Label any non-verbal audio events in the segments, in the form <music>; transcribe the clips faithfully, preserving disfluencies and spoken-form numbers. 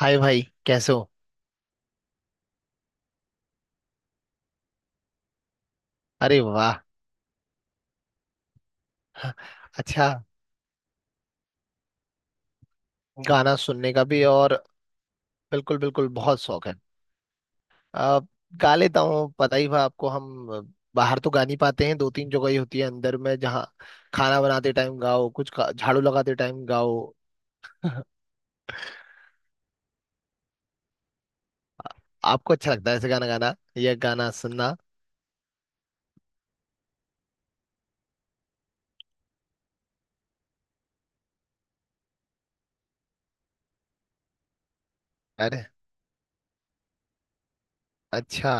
हाय भाई, कैसे हो? अरे वाह, अच्छा। गाना सुनने का भी और बिल्कुल बिल्कुल बहुत शौक है। आ, गा लेता हूँ, पता ही था आपको। हम बाहर तो गा नहीं पाते हैं। दो तीन जगह ही होती है अंदर में जहाँ खाना बनाते टाइम गाओ, कुछ खा- झाड़ू लगाते टाइम गाओ। आपको अच्छा लगता है ऐसे गाना गाना या गाना सुनना? अरे अच्छा।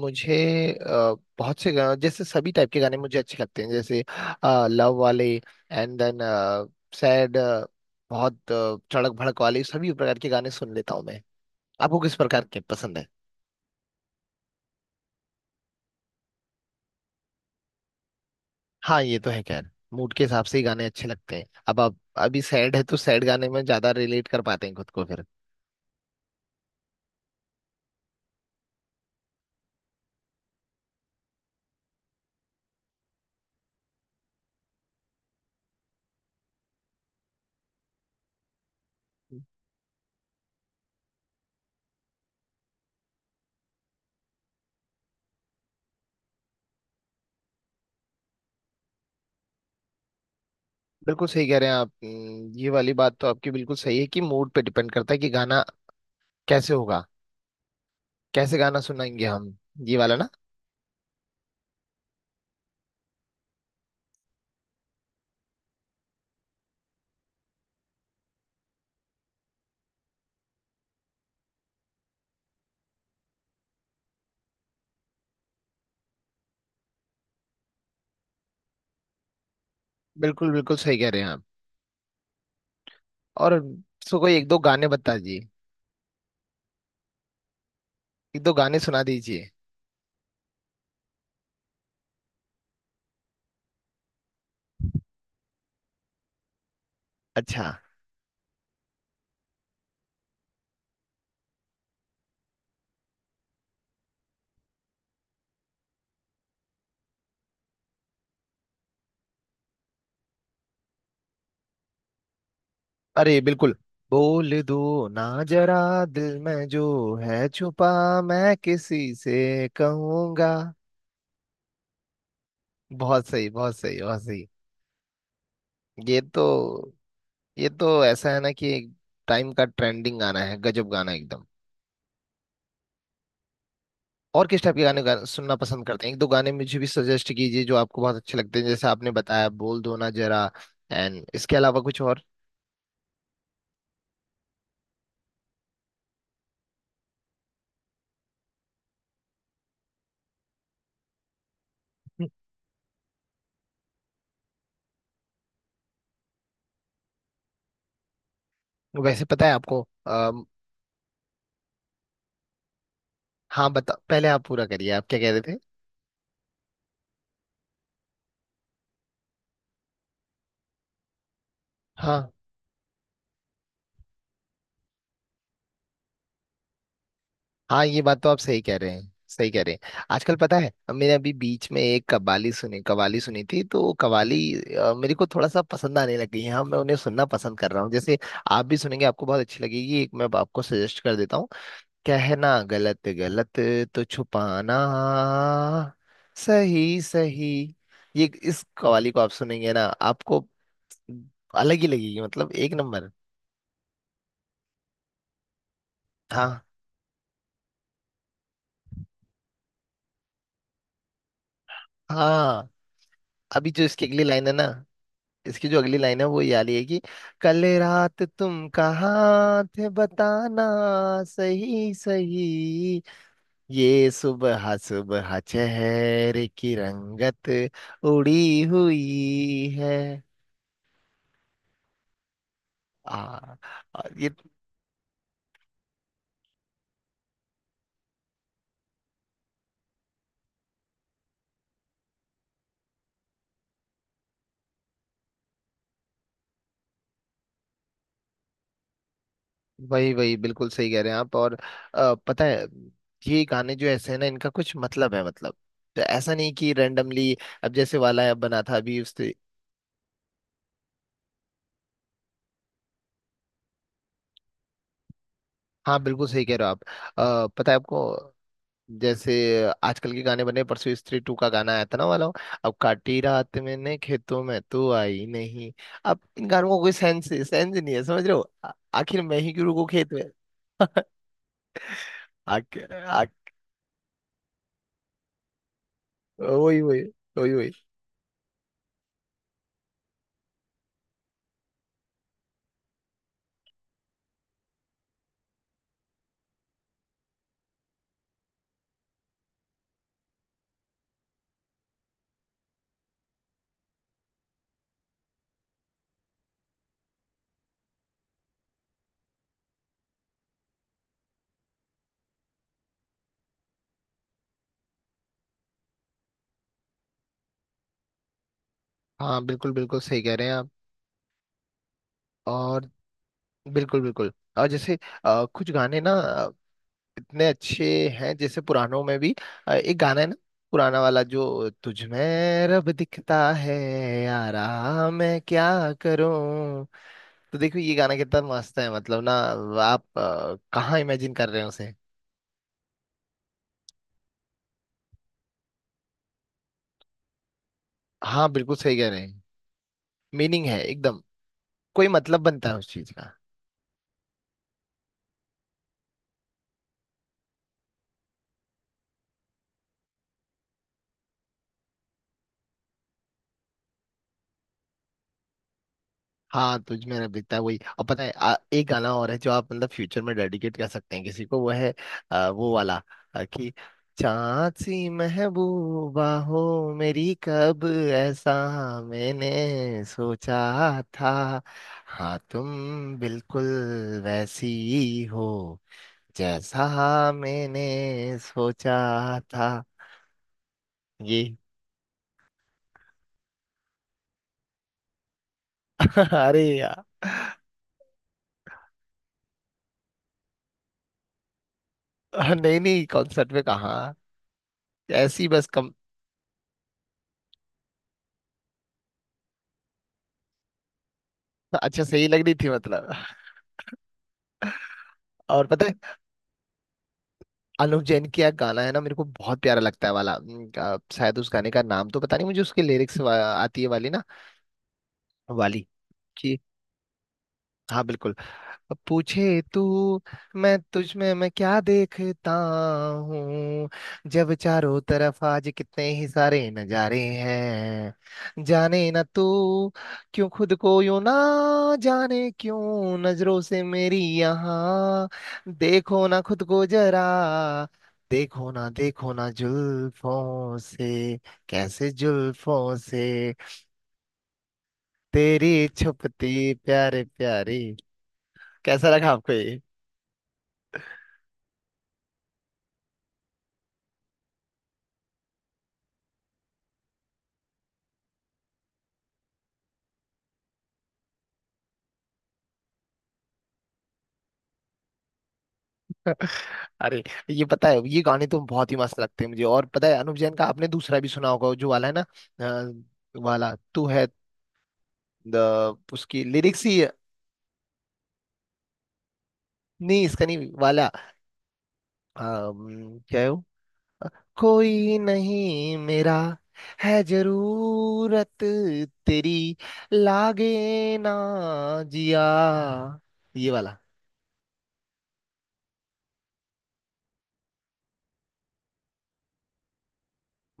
मुझे अ, बहुत से गाने, जैसे सभी टाइप के गाने मुझे अच्छे लगते हैं। जैसे लव वाले, एंड देन सैड, बहुत अ, चड़क भड़क वाले, सभी प्रकार के गाने सुन लेता हूँ मैं। आपको किस प्रकार के पसंद है? हाँ, ये तो है। खैर, मूड के हिसाब से ही गाने अच्छे लगते हैं। अब आप अभी सैड है तो सैड गाने में ज्यादा रिलेट कर पाते हैं खुद को फिर। बिल्कुल सही कह रहे हैं आप। हम्म, ये वाली बात तो आपकी बिल्कुल सही है कि मूड पे डिपेंड करता है कि गाना कैसे होगा, कैसे गाना सुनाएंगे हम, ये वाला ना। बिल्कुल बिल्कुल सही कह रहे हैं आप। और उसको कोई एक दो गाने बता दीजिए, एक दो गाने सुना दीजिए। अच्छा। अरे बिल्कुल, बोल दो ना जरा, दिल में जो है छुपा, मैं किसी से कहूंगा। बहुत सही, बहुत सही, बहुत सही। ये तो, ये तो ऐसा है ना कि एक टाइम का ट्रेंडिंग गाना है, गजब गाना एकदम। और किस टाइप के गाने, गा, सुनना पसंद करते हैं? एक दो गाने मुझे भी सजेस्ट कीजिए जो आपको बहुत अच्छे लगते हैं। जैसे आपने बताया बोल दो ना जरा, एंड इसके अलावा कुछ और? हम्म, वैसे पता है आपको। हाँ बता, पहले आप पूरा करिए, आप क्या कह रहे थे। हाँ हाँ, ये बात तो आप सही कह रहे हैं, सही कह रहे हैं। आजकल पता है मैंने अभी बीच में एक कव्वाली सुनी, कव्वाली सुनी थी, तो कव्वाली अ, मेरे को थोड़ा सा पसंद आने लगी है। हाँ, मैं उन्हें सुनना पसंद कर रहा हूँ। जैसे आप भी सुनेंगे, आपको बहुत अच्छी लगेगी। एक मैं आपको सजेस्ट कर देता हूँ। कहना गलत गलत तो छुपाना सही सही। ये इस कव्वाली को आप सुनेंगे ना, आपको अलग ही लगेगी। मतलब एक नंबर। हाँ हाँ। अभी जो इसकी अगली लाइन है ना, इसकी जो अगली लाइन है वो ये वाली है कि कल रात तुम कहाँ थे बताना, सही सही, ये सुबह सुबह चेहरे की रंगत उड़ी हुई है। आ, आ, ये वही वही, बिल्कुल सही कह रहे हैं आप। और आ, पता है, ये गाने जो ऐसे हैं ना, इनका कुछ मतलब है, मतलब। तो ऐसा नहीं कि रैंडमली अब जैसे वाला बना था अभी उसने। हाँ, बिल्कुल सही कह रहे हो आप। अ, पता है आपको, जैसे आजकल के गाने बने, परसों स्त्री टू का गाना आया था ना वाला, अब काटी रात मैंने खेतों में तू आई नहीं। अब इन गानों का कोई सेंस सेंस नहीं है, समझ रहे हो? आ- आखिर मैं ही क्यों रुकू खेत में, आखिर। आ, वही वही, वही वही। हाँ, बिल्कुल बिल्कुल सही कह रहे हैं आप। और बिल्कुल बिल्कुल। और जैसे अ, कुछ गाने ना इतने अच्छे हैं, जैसे पुरानों में भी अ, एक गाना है ना, पुराना वाला, जो तुझ में रब दिखता है, यारा मैं क्या करूं। तो देखो ये गाना कितना मस्त है, मतलब ना, आप अ, कहाँ इमेजिन कर रहे हो उसे। हाँ, बिल्कुल सही कह रहे हैं। मीनिंग है एकदम। कोई मतलब बनता है उस चीज का। हाँ, तुझ में अब दिखता है, वही। और पता है आ, एक गाना और है जो आप मतलब फ्यूचर में डेडिकेट कर सकते हैं किसी को, वो है आ, वो वाला आ, कि चांद सी महबूबा हो मेरी कब, ऐसा मैंने सोचा था, हाँ तुम बिल्कुल वैसी हो जैसा मैंने सोचा था, ये। <laughs> अरे यार। नहीं नहीं, कॉन्सर्ट में कहा, ऐसी बस कम। अच्छा, सही लग रही थी मतलब। और पता है, अनु जैन की एक गाना है ना, मेरे को बहुत प्यारा लगता है वाला, उम, आ, शायद उस गाने का नाम तो पता नहीं मुझे, उसके लिरिक्स आती है वाली ना, वाली। जी, हाँ बिल्कुल। अब पूछे तू, मैं तुझ में मैं क्या देखता हूँ, जब चारों तरफ आज कितने ही सारे नजारे हैं, जाने ना तू क्यों खुद को, यूं ना जाने क्यों नजरों से मेरी यहाँ, देखो ना खुद को जरा, देखो ना देखो ना, जुल्फों से कैसे जुल्फों से तेरी छुपती प्यारे प्यारी। कैसा लगा आपको ये? अरे। ये पता है, ये गाने तो बहुत ही मस्त लगते हैं मुझे। और पता है अनुप जैन का आपने दूसरा भी सुना होगा जो वाला है ना, अ, वाला तू है द, उसकी लिरिक्स ही। नहीं इसका नहीं वाला। अम, क्या है वो, कोई नहीं मेरा है जरूरत तेरी, लागे ना जिया, ये वाला,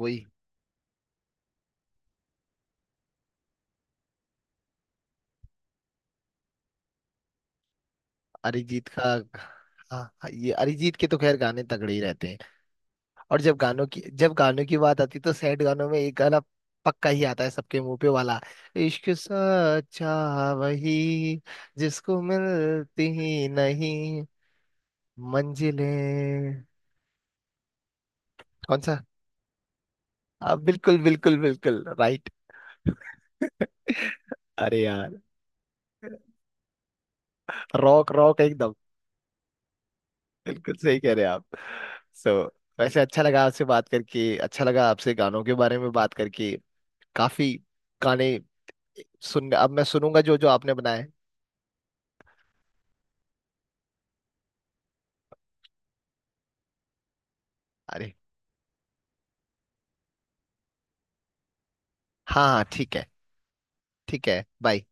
वही। अरिजीत का? हाँ हाँ, ये अरिजीत के तो खैर गाने तगड़े ही रहते हैं। और जब गानों की, जब गानों की बात आती तो सैड गानों में एक गाना पक्का ही आता है सबके मुंह पे वाला, इश्क सच्चा वही जिसको मिलती ही नहीं मंजिलें। कौन सा? आप बिल्कुल बिल्कुल बिल्कुल राइट। <laughs> अरे यार, रॉक रॉक एकदम। बिल्कुल सही कह रहे हैं आप। सो, वैसे अच्छा लगा आपसे बात करके, अच्छा लगा आपसे गानों के बारे में बात करके। काफी गाने सुन, अब मैं सुनूंगा जो जो आपने बनाए। अरे। हाँ हाँ, ठीक है। ठीक है, बाय।